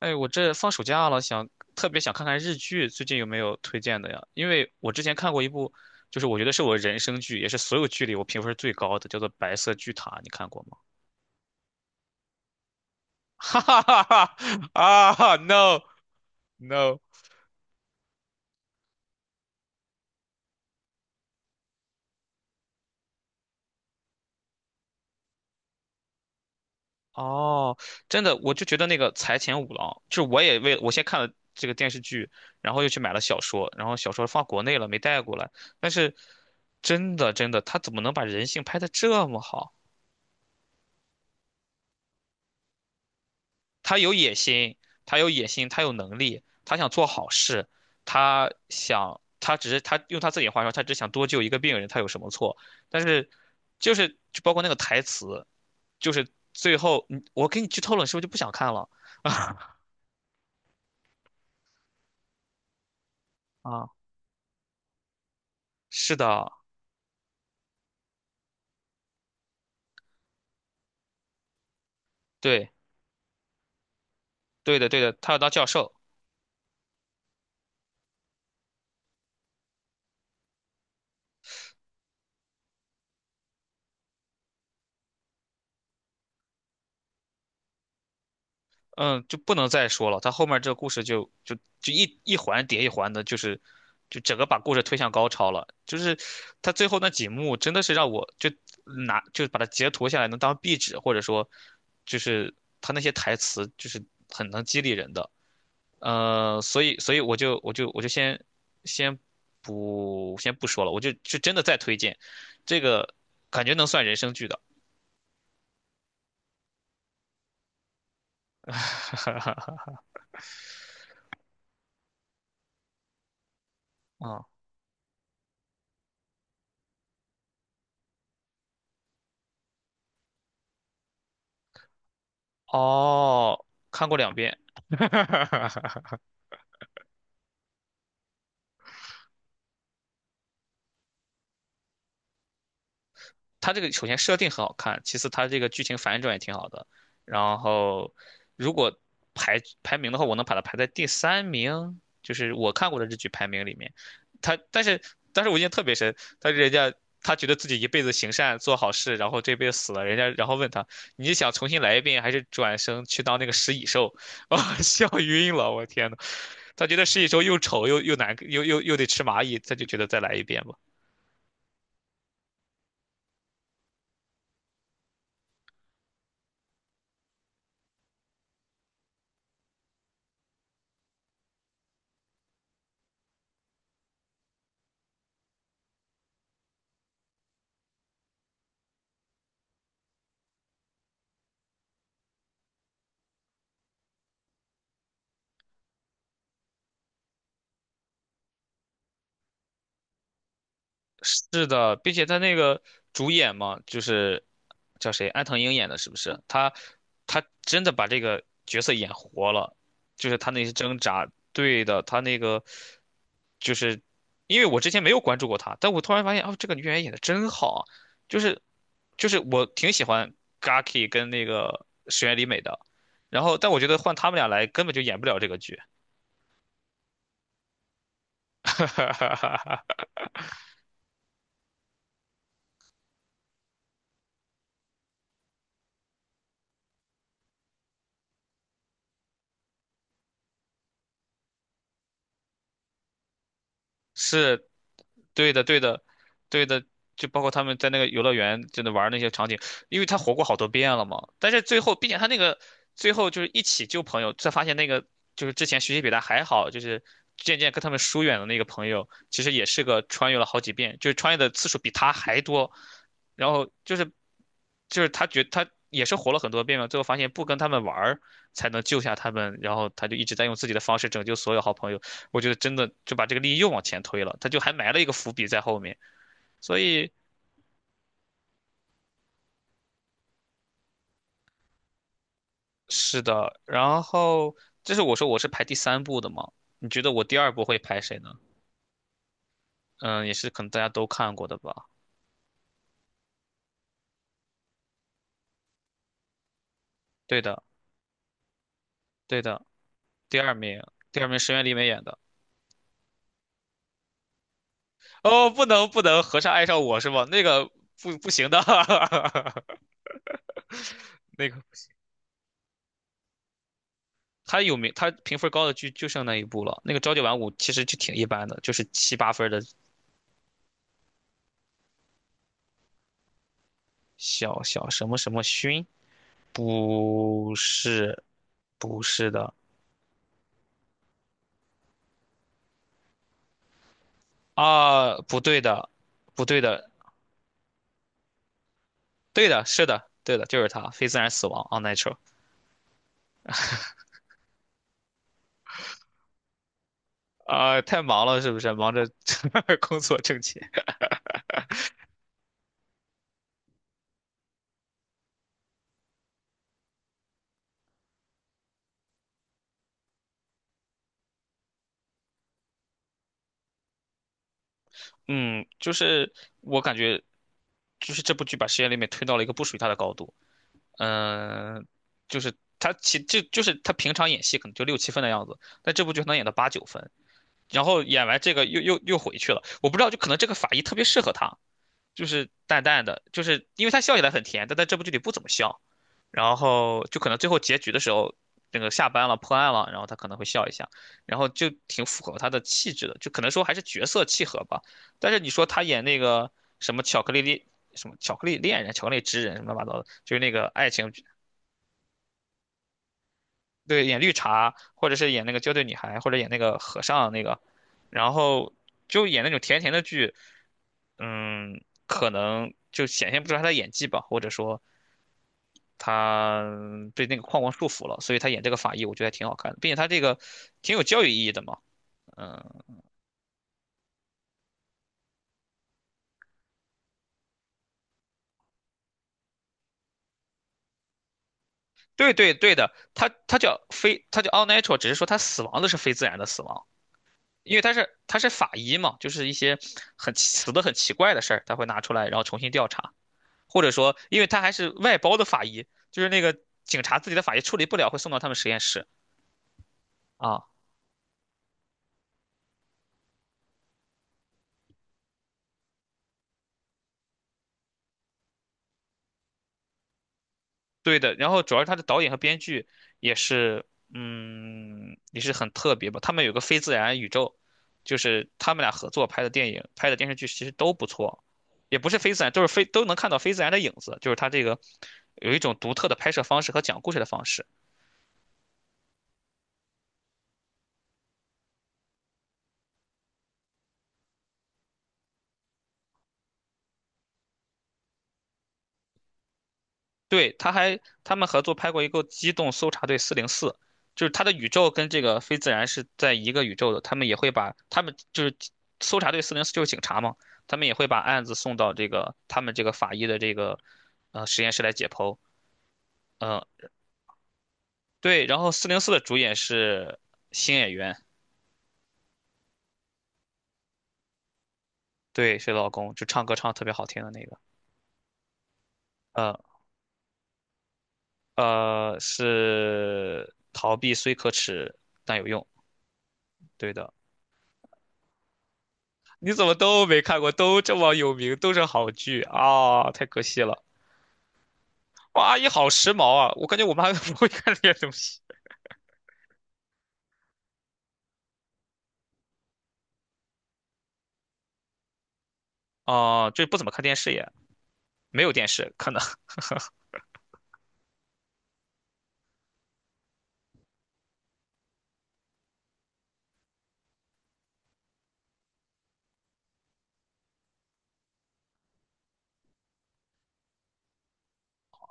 哎，我这放暑假了，特别想看看日剧，最近有没有推荐的呀？因为我之前看过一部，就是我觉得是我人生剧，也是所有剧里我评分最高的，叫做《白色巨塔》，你看过吗？哈哈哈哈。啊，no, no。哦，真的，我就觉得那个财前五郎，就是我也为我先看了这个电视剧，然后又去买了小说，然后小说放国内了没带过来，但是真的真的，他怎么能把人性拍得这么好？他有野心，他有野心，他有能力，他想做好事，他想，他只是他用他自己的话说，他只想多救一个病人，他有什么错？但是，就是就包括那个台词，就是最后我给你剧透了，你是不是就不想看了？啊，是的。对，对的，对的，他要当教授。嗯，就不能再说了。他后面这个故事就一环叠一环的，就是就整个把故事推向高潮了。就是他最后那几幕真的是让我就把它截图下来能当壁纸，或者说就是他那些台词就是很能激励人的。所以我就先先不说了，我就真的再推荐这个，感觉能算人生剧的。啊、哦，看过两遍。它这个首先设定很好看，其次它这个剧情反转也挺好的。然后，如果排名的话，我能把它排在第三名，就是我看过的日剧排名里面。他，但是，但是，我印象特别深，他人家他觉得自己一辈子行善做好事，然后这辈子死了，人家然后问他，你想重新来一遍，还是转生去当那个食蚁兽？啊、笑晕了，我天呐，他觉得食蚁兽又丑又难又得吃蚂蚁，他就觉得再来一遍吧。是的，并且他那个主演嘛，就是叫谁，安藤樱演的，是不是？他真的把这个角色演活了，就是他那些挣扎。对的，他那个就是因为我之前没有关注过他，但我突然发现哦，这个女演员演的真好啊，就是就是我挺喜欢 Gaki 跟那个石原里美的，然后但我觉得换他们俩来根本就演不了这个剧，是。对的，对的，对的，就包括他们在那个游乐园真的玩儿那些场景，因为他活过好多遍了嘛。但是最后，并且他那个最后就是一起救朋友，才发现那个就是之前学习比他还好，就是渐渐跟他们疏远的那个朋友，其实也是个穿越了好几遍，就是穿越的次数比他还多。然后就是他也是活了很多遍嘛，最后发现不跟他们玩儿才能救下他们，然后他就一直在用自己的方式拯救所有好朋友。我觉得真的就把这个利益又往前推了，他就还埋了一个伏笔在后面。所以是的。然后这是我说我是排第三部的嘛？你觉得我第二部会排谁呢？嗯，也是可能大家都看过的吧？对的，对的。第二名，第二名石原里美演的。哦，不能不能，和尚爱上我是吧？那个不行的。那个他有名，他评分高的剧就剩那一部了。那个朝九晚五其实就挺一般的，就是七八分的小小什么什么勋。不是，不是的。啊，不对的，不对的。对的，是的，对的，就是他，非自然死亡，unnatural。啊，太忙了，是不是？忙着 工作挣钱。嗯，就是我感觉，就是这部剧把实验里面推到了一个不属于他的高度。嗯，就是他其就就是他平常演戏可能就六七分的样子，但这部剧可能演到八九分，然后演完这个又回去了。我不知道，就可能这个法医特别适合他，就是淡淡的，就是因为它笑起来很甜，但在这部剧里不怎么笑，然后就可能最后结局的时候，那个下班了破案了，然后他可能会笑一下，然后就挺符合他的气质的，就可能说还是角色契合吧。但是你说他演那个什么巧克力恋什么巧克力恋人、巧克力之人什么乱七八糟的，就是那个爱情。对，演绿茶，或者是演那个娇贵女孩，或者演那个和尚那个，然后就演那种甜甜的剧，嗯，可能就显现不出来他的演技吧，或者说他被那个框框束缚了，所以他演这个法医，我觉得还挺好看的，并且他这个挺有教育意义的嘛。对对对的。他他叫非，他叫 a l natural，只是说他死亡的是非自然的死亡，因为他是法医嘛，就是一些很奇怪的事儿，他会拿出来，然后重新调查。或者说，因为他还是外包的法医，就是那个警察自己的法医处理不了，会送到他们实验室。啊，对的，然后主要是他的导演和编剧也是，嗯，也是很特别吧。他们有个非自然宇宙，就是他们俩合作拍的电影、拍的电视剧，其实都不错，也不是非自然，都能看到非自然的影子，就是他这个有一种独特的拍摄方式和讲故事的方式。对，他们合作拍过一个《机动搜查队四零四》，就是他的宇宙跟这个非自然是在一个宇宙的，他们也会把他们就是搜查队四零四就是警察嘛，他们也会把案子送到这个他们这个法医的这个实验室来解剖。呃，对，然后四零四的主演是新演员。对，是老公，就唱歌唱得特别好听的那个，呃是逃避虽可耻但有用，对的。你怎么都没看过？都这么有名，都是好剧啊，太可惜了。哇，阿姨好时髦啊！我感觉我妈 都不会看这些东西。啊，就不怎么看电视也，没有电视可能。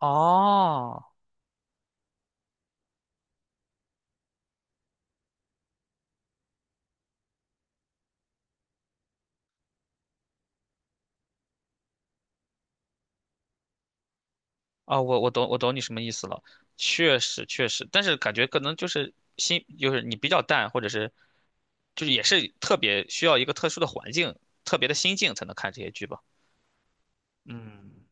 哦，啊，我懂你什么意思了，确实确实，但是感觉可能就是心就是你比较淡，或者是就是也是特别需要一个特殊的环境、特别的心境才能看这些剧吧。嗯，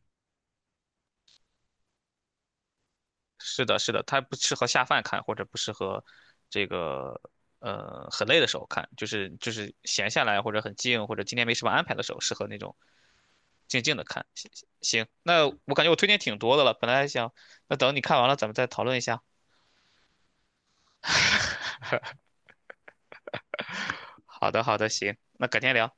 是的，是的，它不适合下饭看，或者不适合这个很累的时候看，就是闲下来或者很静，或者今天没什么安排的时候，适合那种静静的看。行，行那我感觉我推荐挺多的了，本来还想那等你看完了咱们再讨论一下。好的，好的，行，那改天聊。